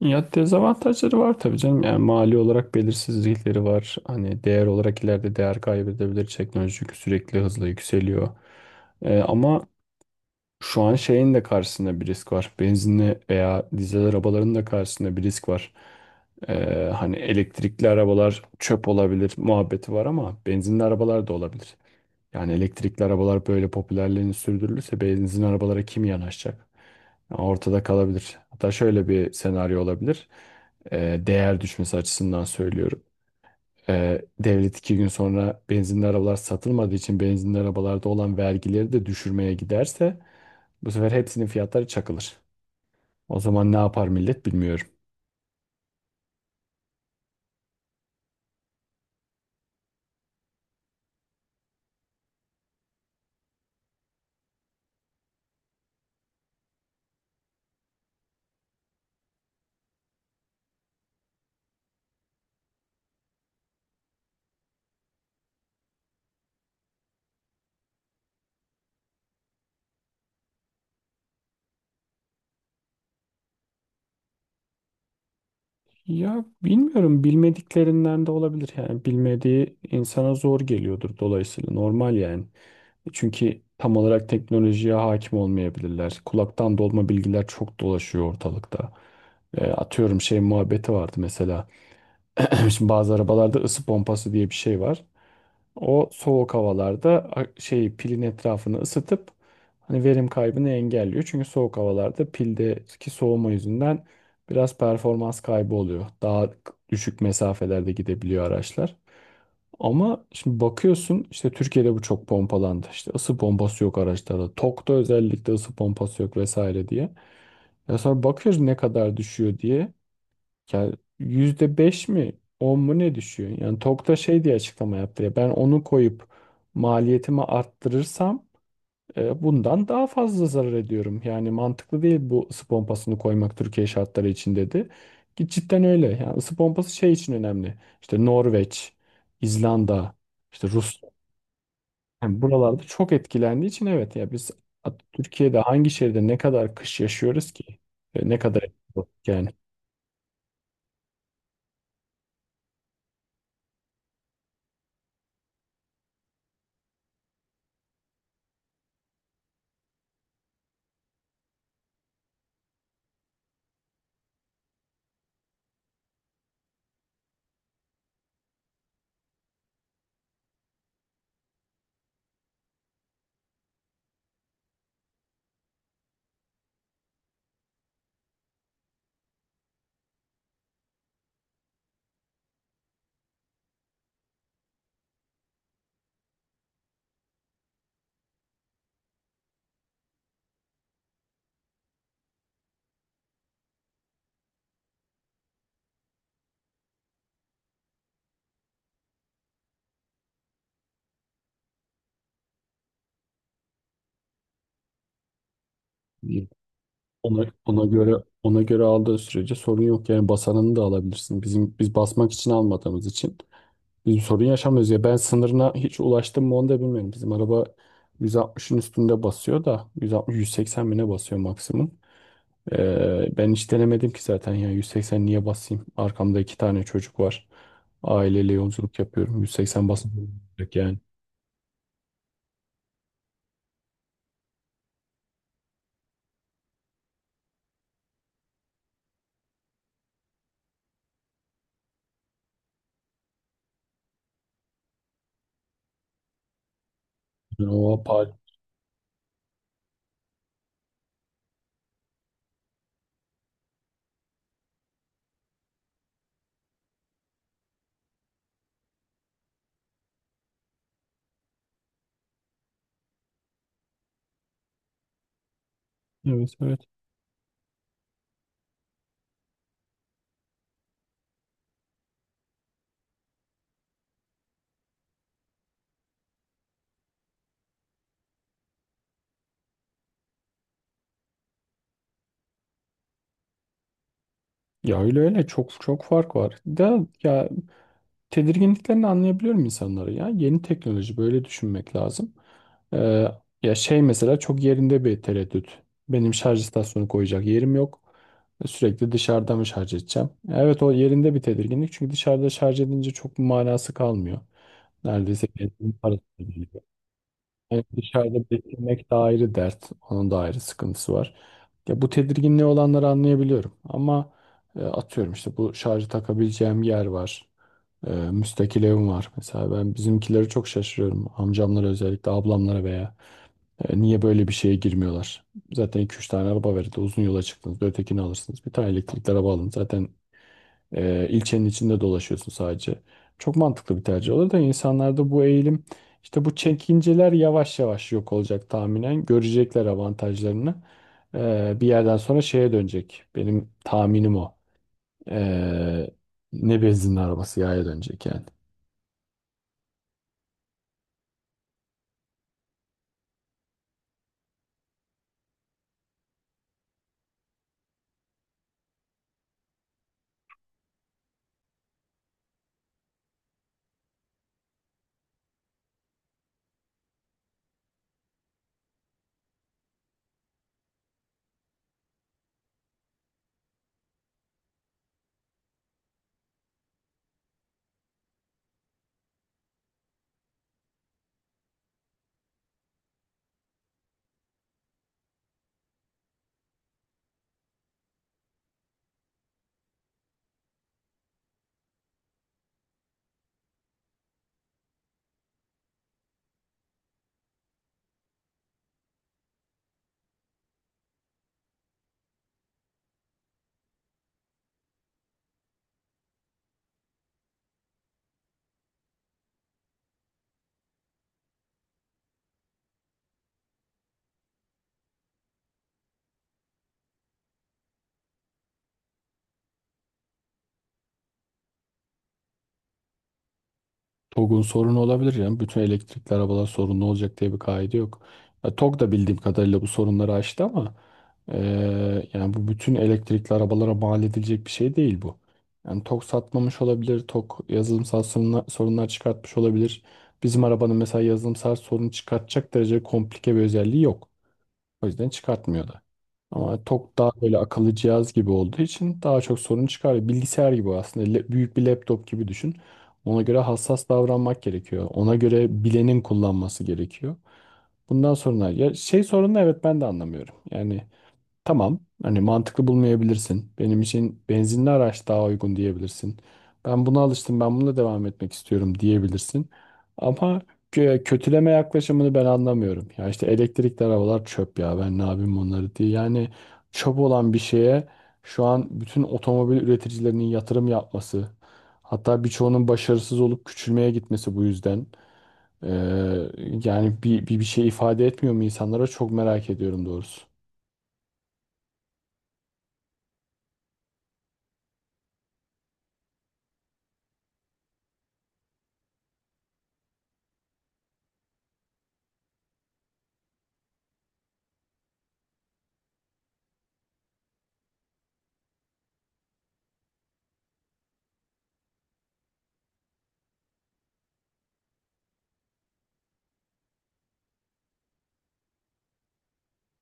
Ya dezavantajları var tabii canım. Yani mali olarak belirsizlikleri var. Hani değer olarak ileride değer kaybedebilir teknoloji çünkü sürekli hızla yükseliyor. Ama şu an şeyin de karşısında bir risk var. Benzinli veya dizel arabaların da karşısında bir risk var. Hani elektrikli arabalar çöp olabilir muhabbeti var ama benzinli arabalar da olabilir. Yani elektrikli arabalar böyle popülerliğini sürdürülürse benzin arabalara kim yanaşacak? Yani ortada kalabilir. Hatta şöyle bir senaryo olabilir. Değer düşmesi açısından söylüyorum. Devlet iki gün sonra benzinli arabalar satılmadığı için benzinli arabalarda olan vergileri de düşürmeye giderse bu sefer hepsinin fiyatları çakılır. O zaman ne yapar millet bilmiyorum. Ya bilmiyorum, bilmediklerinden de olabilir, yani bilmediği insana zor geliyordur, dolayısıyla normal yani. Çünkü tam olarak teknolojiye hakim olmayabilirler. Kulaktan dolma bilgiler çok dolaşıyor ortalıkta. Atıyorum şey muhabbeti vardı mesela. Şimdi bazı arabalarda ısı pompası diye bir şey var. O soğuk havalarda şey pilin etrafını ısıtıp hani verim kaybını engelliyor. Çünkü soğuk havalarda pildeki soğuma yüzünden biraz performans kaybı oluyor. Daha düşük mesafelerde gidebiliyor araçlar. Ama şimdi bakıyorsun işte Türkiye'de bu çok pompalandı. İşte ısı pompası yok araçlarda. Tok'ta özellikle ısı pompası yok vesaire diye. Ya sonra bakıyoruz ne kadar düşüyor diye. Ya %5 mi 10 mu ne düşüyor? Yani Tokta şey diye açıklama yaptı ya, ben onu koyup maliyetimi arttırırsam bundan daha fazla zarar ediyorum. Yani mantıklı değil bu ısı pompasını koymak Türkiye şartları için dedi. Ki cidden öyle. Yani ısı pompası şey için önemli. İşte Norveç, İzlanda, işte Rus, yani buralarda çok etkilendiği için, evet ya biz Türkiye'de hangi şehirde ne kadar kış yaşıyoruz ki? Ne kadar yani. Ona göre ona göre aldığı sürece sorun yok, yani basanını da alabilirsin. Bizim basmak için almadığımız için biz sorun yaşamıyoruz ya. Ben sınırına hiç ulaştım mı onu da bilmiyorum. Bizim araba 160'ın üstünde basıyor da 160 180 bine basıyor maksimum. Ben hiç denemedim ki zaten, ya 180 niye basayım? Arkamda iki tane çocuk var. Aileyle yolculuk yapıyorum. 180 basmıyorum yani. Yani o apar. Evet, evet. Ya öyle, öyle çok çok fark var. Da ya tedirginliklerini anlayabiliyorum insanları ya. Yeni teknoloji, böyle düşünmek lazım. Ee, Ya şey mesela, çok yerinde bir tereddüt. Benim şarj istasyonu koyacak yerim yok. Sürekli dışarıda mı şarj edeceğim? Evet, o yerinde bir tedirginlik. Çünkü dışarıda şarj edince çok bir manası kalmıyor. Neredeyse benzin parası geliyor. Yani dışarıda beklemek de ayrı dert. Onun da ayrı sıkıntısı var. Ya bu tedirginliği olanları anlayabiliyorum. Ama atıyorum işte bu şarjı takabileceğim yer var. Müstakil evim var. Mesela ben bizimkileri çok şaşırıyorum. Amcamlara, özellikle ablamlara veya niye böyle bir şeye girmiyorlar? Zaten iki üç tane araba verildi. Uzun yola çıktınız. Ötekini alırsınız. Bir tane elektrikli araba alın. Zaten ilçenin içinde dolaşıyorsun sadece. Çok mantıklı bir tercih olur da insanlarda bu eğilim, işte bu çekinceler yavaş yavaş yok olacak tahminen. Görecekler avantajlarını. Bir yerden sonra şeye dönecek. Benim tahminim o. Ee, Ne benzin arabası yaya dönecek yani. TOGG'un sorunu olabilir yani. Bütün elektrikli arabalar sorunlu olacak diye bir kaide yok. Ya, TOGG da bildiğim kadarıyla bu sorunları aştı ama yani bu bütün elektrikli arabalara mal edilecek bir şey değil bu. Yani TOGG satmamış olabilir, TOGG yazılımsal sorunlar çıkartmış olabilir. Bizim arabanın mesela yazılımsal sorun çıkartacak derece komplike bir özelliği yok. O yüzden çıkartmıyordu. Ama TOG daha böyle akıllı cihaz gibi olduğu için daha çok sorun çıkarıyor. Bilgisayar gibi aslında. Büyük bir laptop gibi düşün. Ona göre hassas davranmak gerekiyor. Ona göre bilenin kullanması gerekiyor. Bundan sonra ya şey sorunu, evet ben de anlamıyorum. Yani tamam, hani mantıklı bulmayabilirsin. Benim için benzinli araç daha uygun diyebilirsin. Ben buna alıştım, ben bununla devam etmek istiyorum diyebilirsin. Ama kötüleme yaklaşımını ben anlamıyorum. Ya işte elektrikli arabalar çöp, ya ben ne yapayım onları diye. Yani çöp olan bir şeye şu an bütün otomobil üreticilerinin yatırım yapması, hatta birçoğunun başarısız olup küçülmeye gitmesi bu yüzden. Ee, Yani bir şey ifade etmiyor mu insanlara, çok merak ediyorum doğrusu.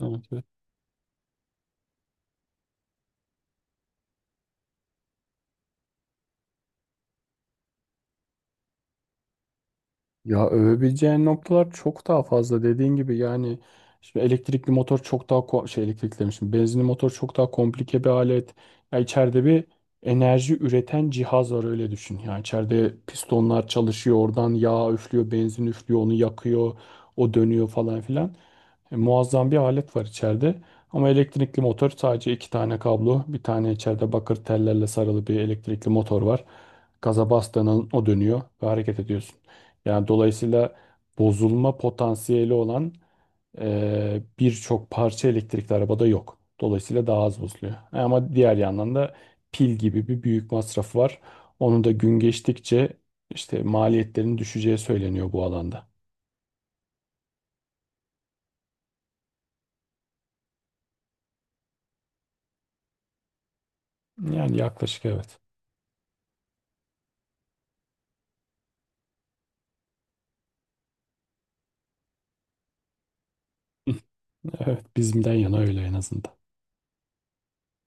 Evet. Ya övebileceğin noktalar çok daha fazla dediğin gibi, yani şimdi elektrikli motor çok daha ko- şey elektrikli demişim benzinli motor çok daha komplike bir alet. Ya içeride bir enerji üreten cihaz var, öyle düşün. Yani içeride pistonlar çalışıyor, oradan yağ üflüyor, benzin üflüyor, onu yakıyor, o dönüyor falan filan. Muazzam bir alet var içeride. Ama elektrikli motor sadece iki tane kablo, bir tane içeride bakır tellerle sarılı bir elektrikli motor var. Gaza bastığının o dönüyor ve hareket ediyorsun. Yani dolayısıyla bozulma potansiyeli olan birçok parça elektrikli arabada yok. Dolayısıyla daha az bozuluyor. Ama diğer yandan da pil gibi bir büyük masrafı var. Onun da gün geçtikçe işte maliyetlerin düşeceği söyleniyor bu alanda. Yani yaklaşık, evet. Evet, bizimden yana öyle en azından.